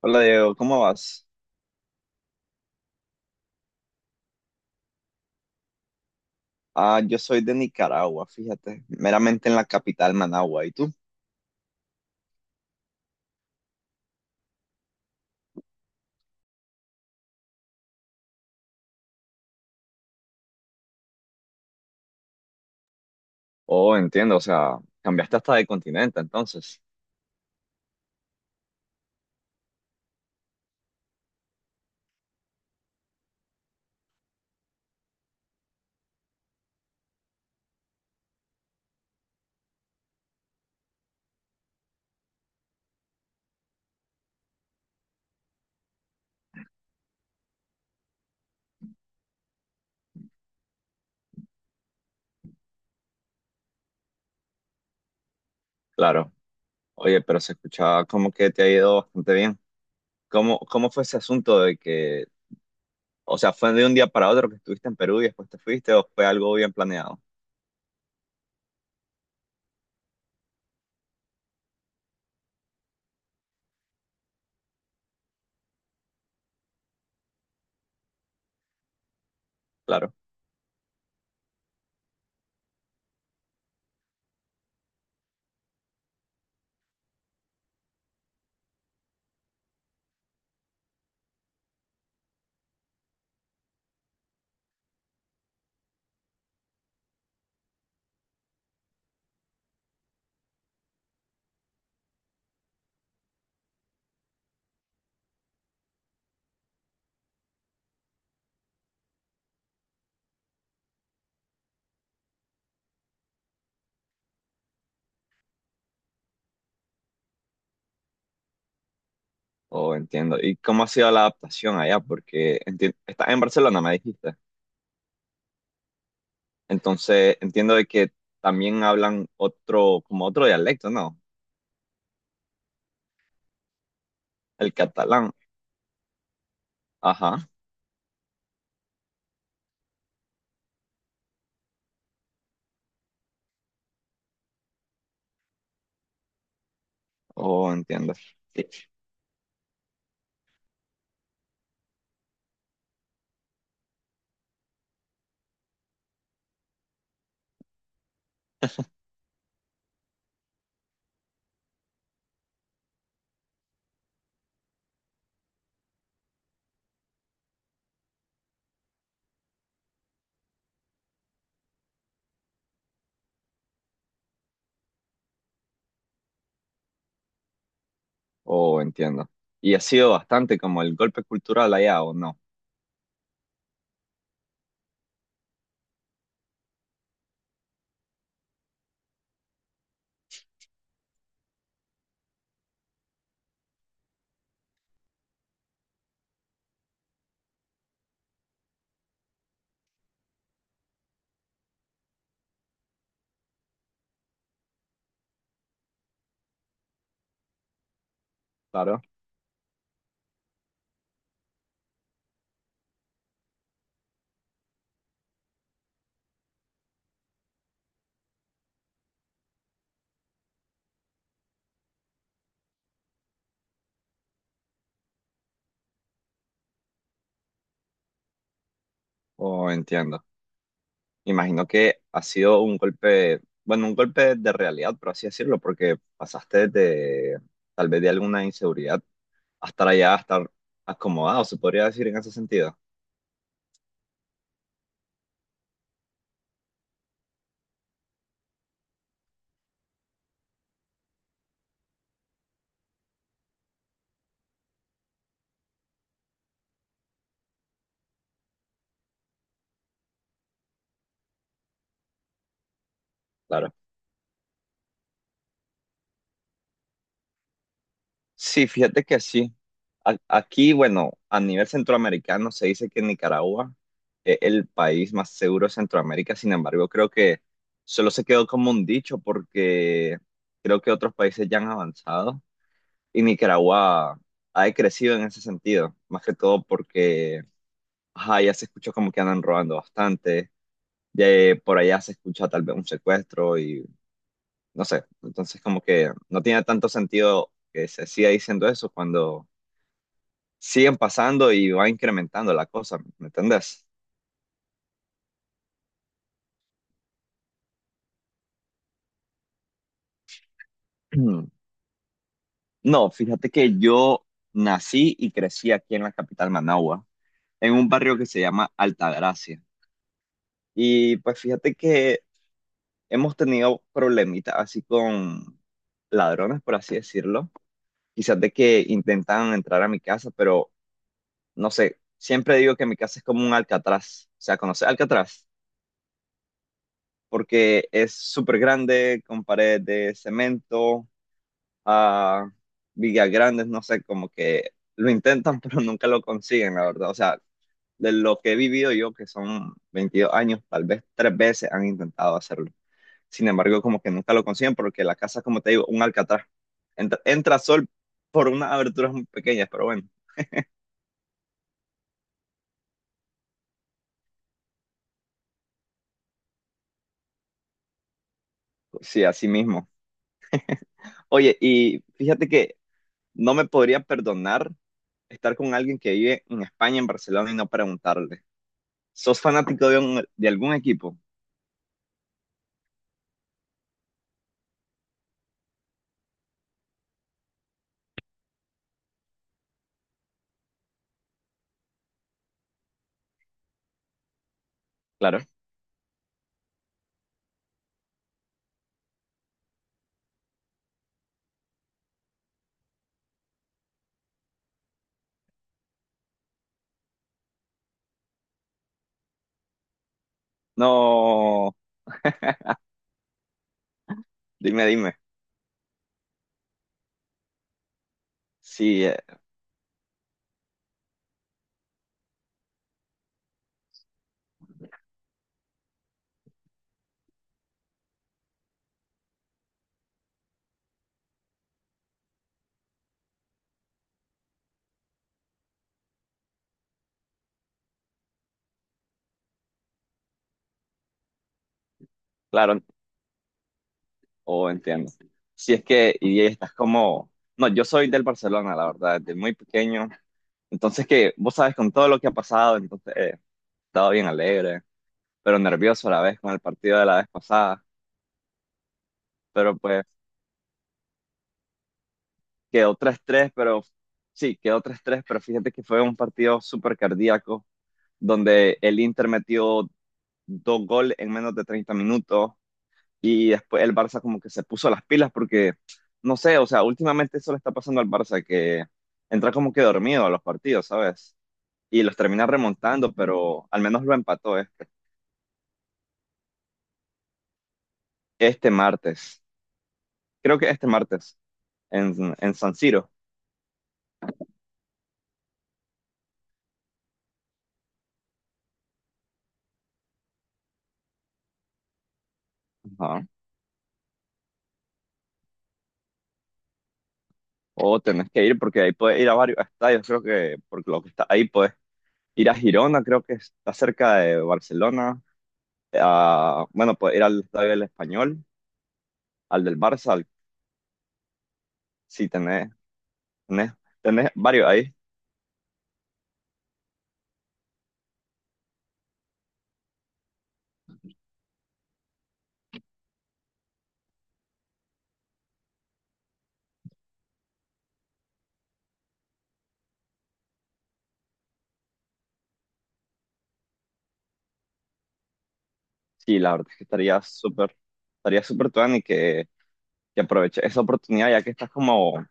Hola Diego, ¿cómo vas? Ah, yo soy de Nicaragua, fíjate, meramente en la capital Managua. ¿Y tú? Oh, entiendo, o sea, cambiaste hasta de continente entonces. Claro. Oye, pero se escuchaba como que te ha ido bastante bien. ¿Cómo fue ese asunto de que, o sea, ¿fue de un día para otro que estuviste en Perú y después te fuiste o fue algo bien planeado? Claro. Oh, entiendo. ¿Y cómo ha sido la adaptación allá? Porque estás en Barcelona, me dijiste. Entonces, entiendo de que también hablan otro, como otro dialecto, ¿no? El catalán, ajá, oh, entiendo. Sí, oh, entiendo. Y ¿ha sido bastante como el golpe cultural allá, o no? Claro, oh, entiendo. Imagino que ha sido un golpe, bueno, un golpe de realidad, por así decirlo, porque pasaste de, tal vez de alguna inseguridad, a estar allá, a estar acomodado, se podría decir en ese sentido. Claro. Sí, fíjate que sí. Aquí, bueno, a nivel centroamericano se dice que Nicaragua es el país más seguro de Centroamérica. Sin embargo, creo que solo se quedó como un dicho porque creo que otros países ya han avanzado y Nicaragua ha decrecido en ese sentido. Más que todo porque ajá, ya se escuchó como que andan robando bastante. Ya por allá se escucha tal vez un secuestro y no sé. Entonces, como que no tiene tanto sentido que se siga diciendo eso cuando siguen pasando y va incrementando la cosa, ¿me entendés? No, fíjate que yo nací y crecí aquí en la capital Managua, en un barrio que se llama Altagracia. Y pues fíjate que hemos tenido problemitas así con ladrones, por así decirlo. Quizás de que intentan entrar a mi casa, pero no sé, siempre digo que mi casa es como un Alcatraz. O sea, conoces Alcatraz, porque es súper grande, con paredes de cemento a Villagrandes, no sé, como que lo intentan, pero nunca lo consiguen, la verdad. O sea, de lo que he vivido yo, que son 22 años, tal vez tres veces han intentado hacerlo. Sin embargo, como que nunca lo consiguen porque la casa, como te digo, un alcatraz. Entra sol por unas aberturas muy pequeñas, pero bueno, sí, así mismo. Oye, y fíjate que no me podría perdonar estar con alguien que vive en España, en Barcelona, y no preguntarle. ¿Sos fanático de, de algún equipo? Claro. No. Dime. Sí, claro, o entiendo. Si es que, y estás como, no, yo soy del Barcelona, la verdad, desde muy pequeño. Entonces que, vos sabes, con todo lo que ha pasado, entonces he estado bien alegre, pero nervioso a la vez con el partido de la vez pasada. Pero pues quedó 3-3, pero sí, quedó 3-3. Pero fíjate que fue un partido súper cardíaco, donde el Inter metió dos goles en menos de 30 minutos. Y después el Barça como que se puso las pilas porque, no sé, o sea, últimamente eso le está pasando al Barça, que entra como que dormido a los partidos, ¿sabes? Y los termina remontando, pero al menos lo empató este martes. Creo que este martes, en San Siro. Ajá. O tenés que ir porque ahí puedes ir a varios estadios, creo que, porque lo que está ahí puedes ir a Girona, creo que está cerca de Barcelona. Bueno, puedes ir al estadio del Español, al del Barça, sí, tenés, tenés varios ahí. Sí, la verdad es que estaría súper tuani que aproveches esa oportunidad ya que estás como,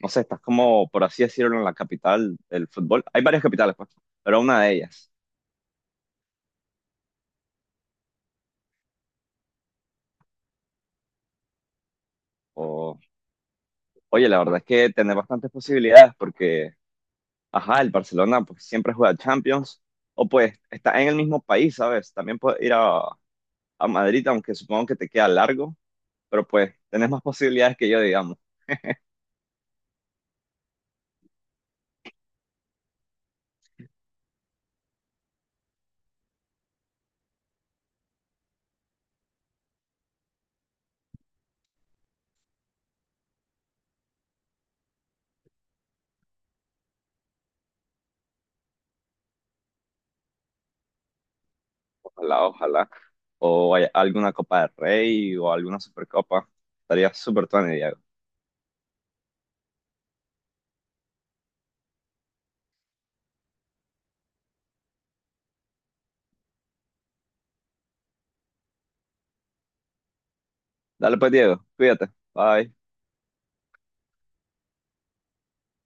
no sé, estás como, por así decirlo, en la capital del fútbol. Hay varias capitales, pues, pero una de ellas. O, oye, la verdad es que tenés bastantes posibilidades porque, ajá, el Barcelona pues siempre juega Champions o pues está en el mismo país, ¿sabes? También puedes ir a Madrid, aunque supongo que te queda largo, pero pues tenés más posibilidades que yo, digamos. Ojalá, ojalá. O hay alguna Copa del Rey o alguna Supercopa. Estaría súper tuanes, Diego. Dale pues, Diego. Cuídate. Bye.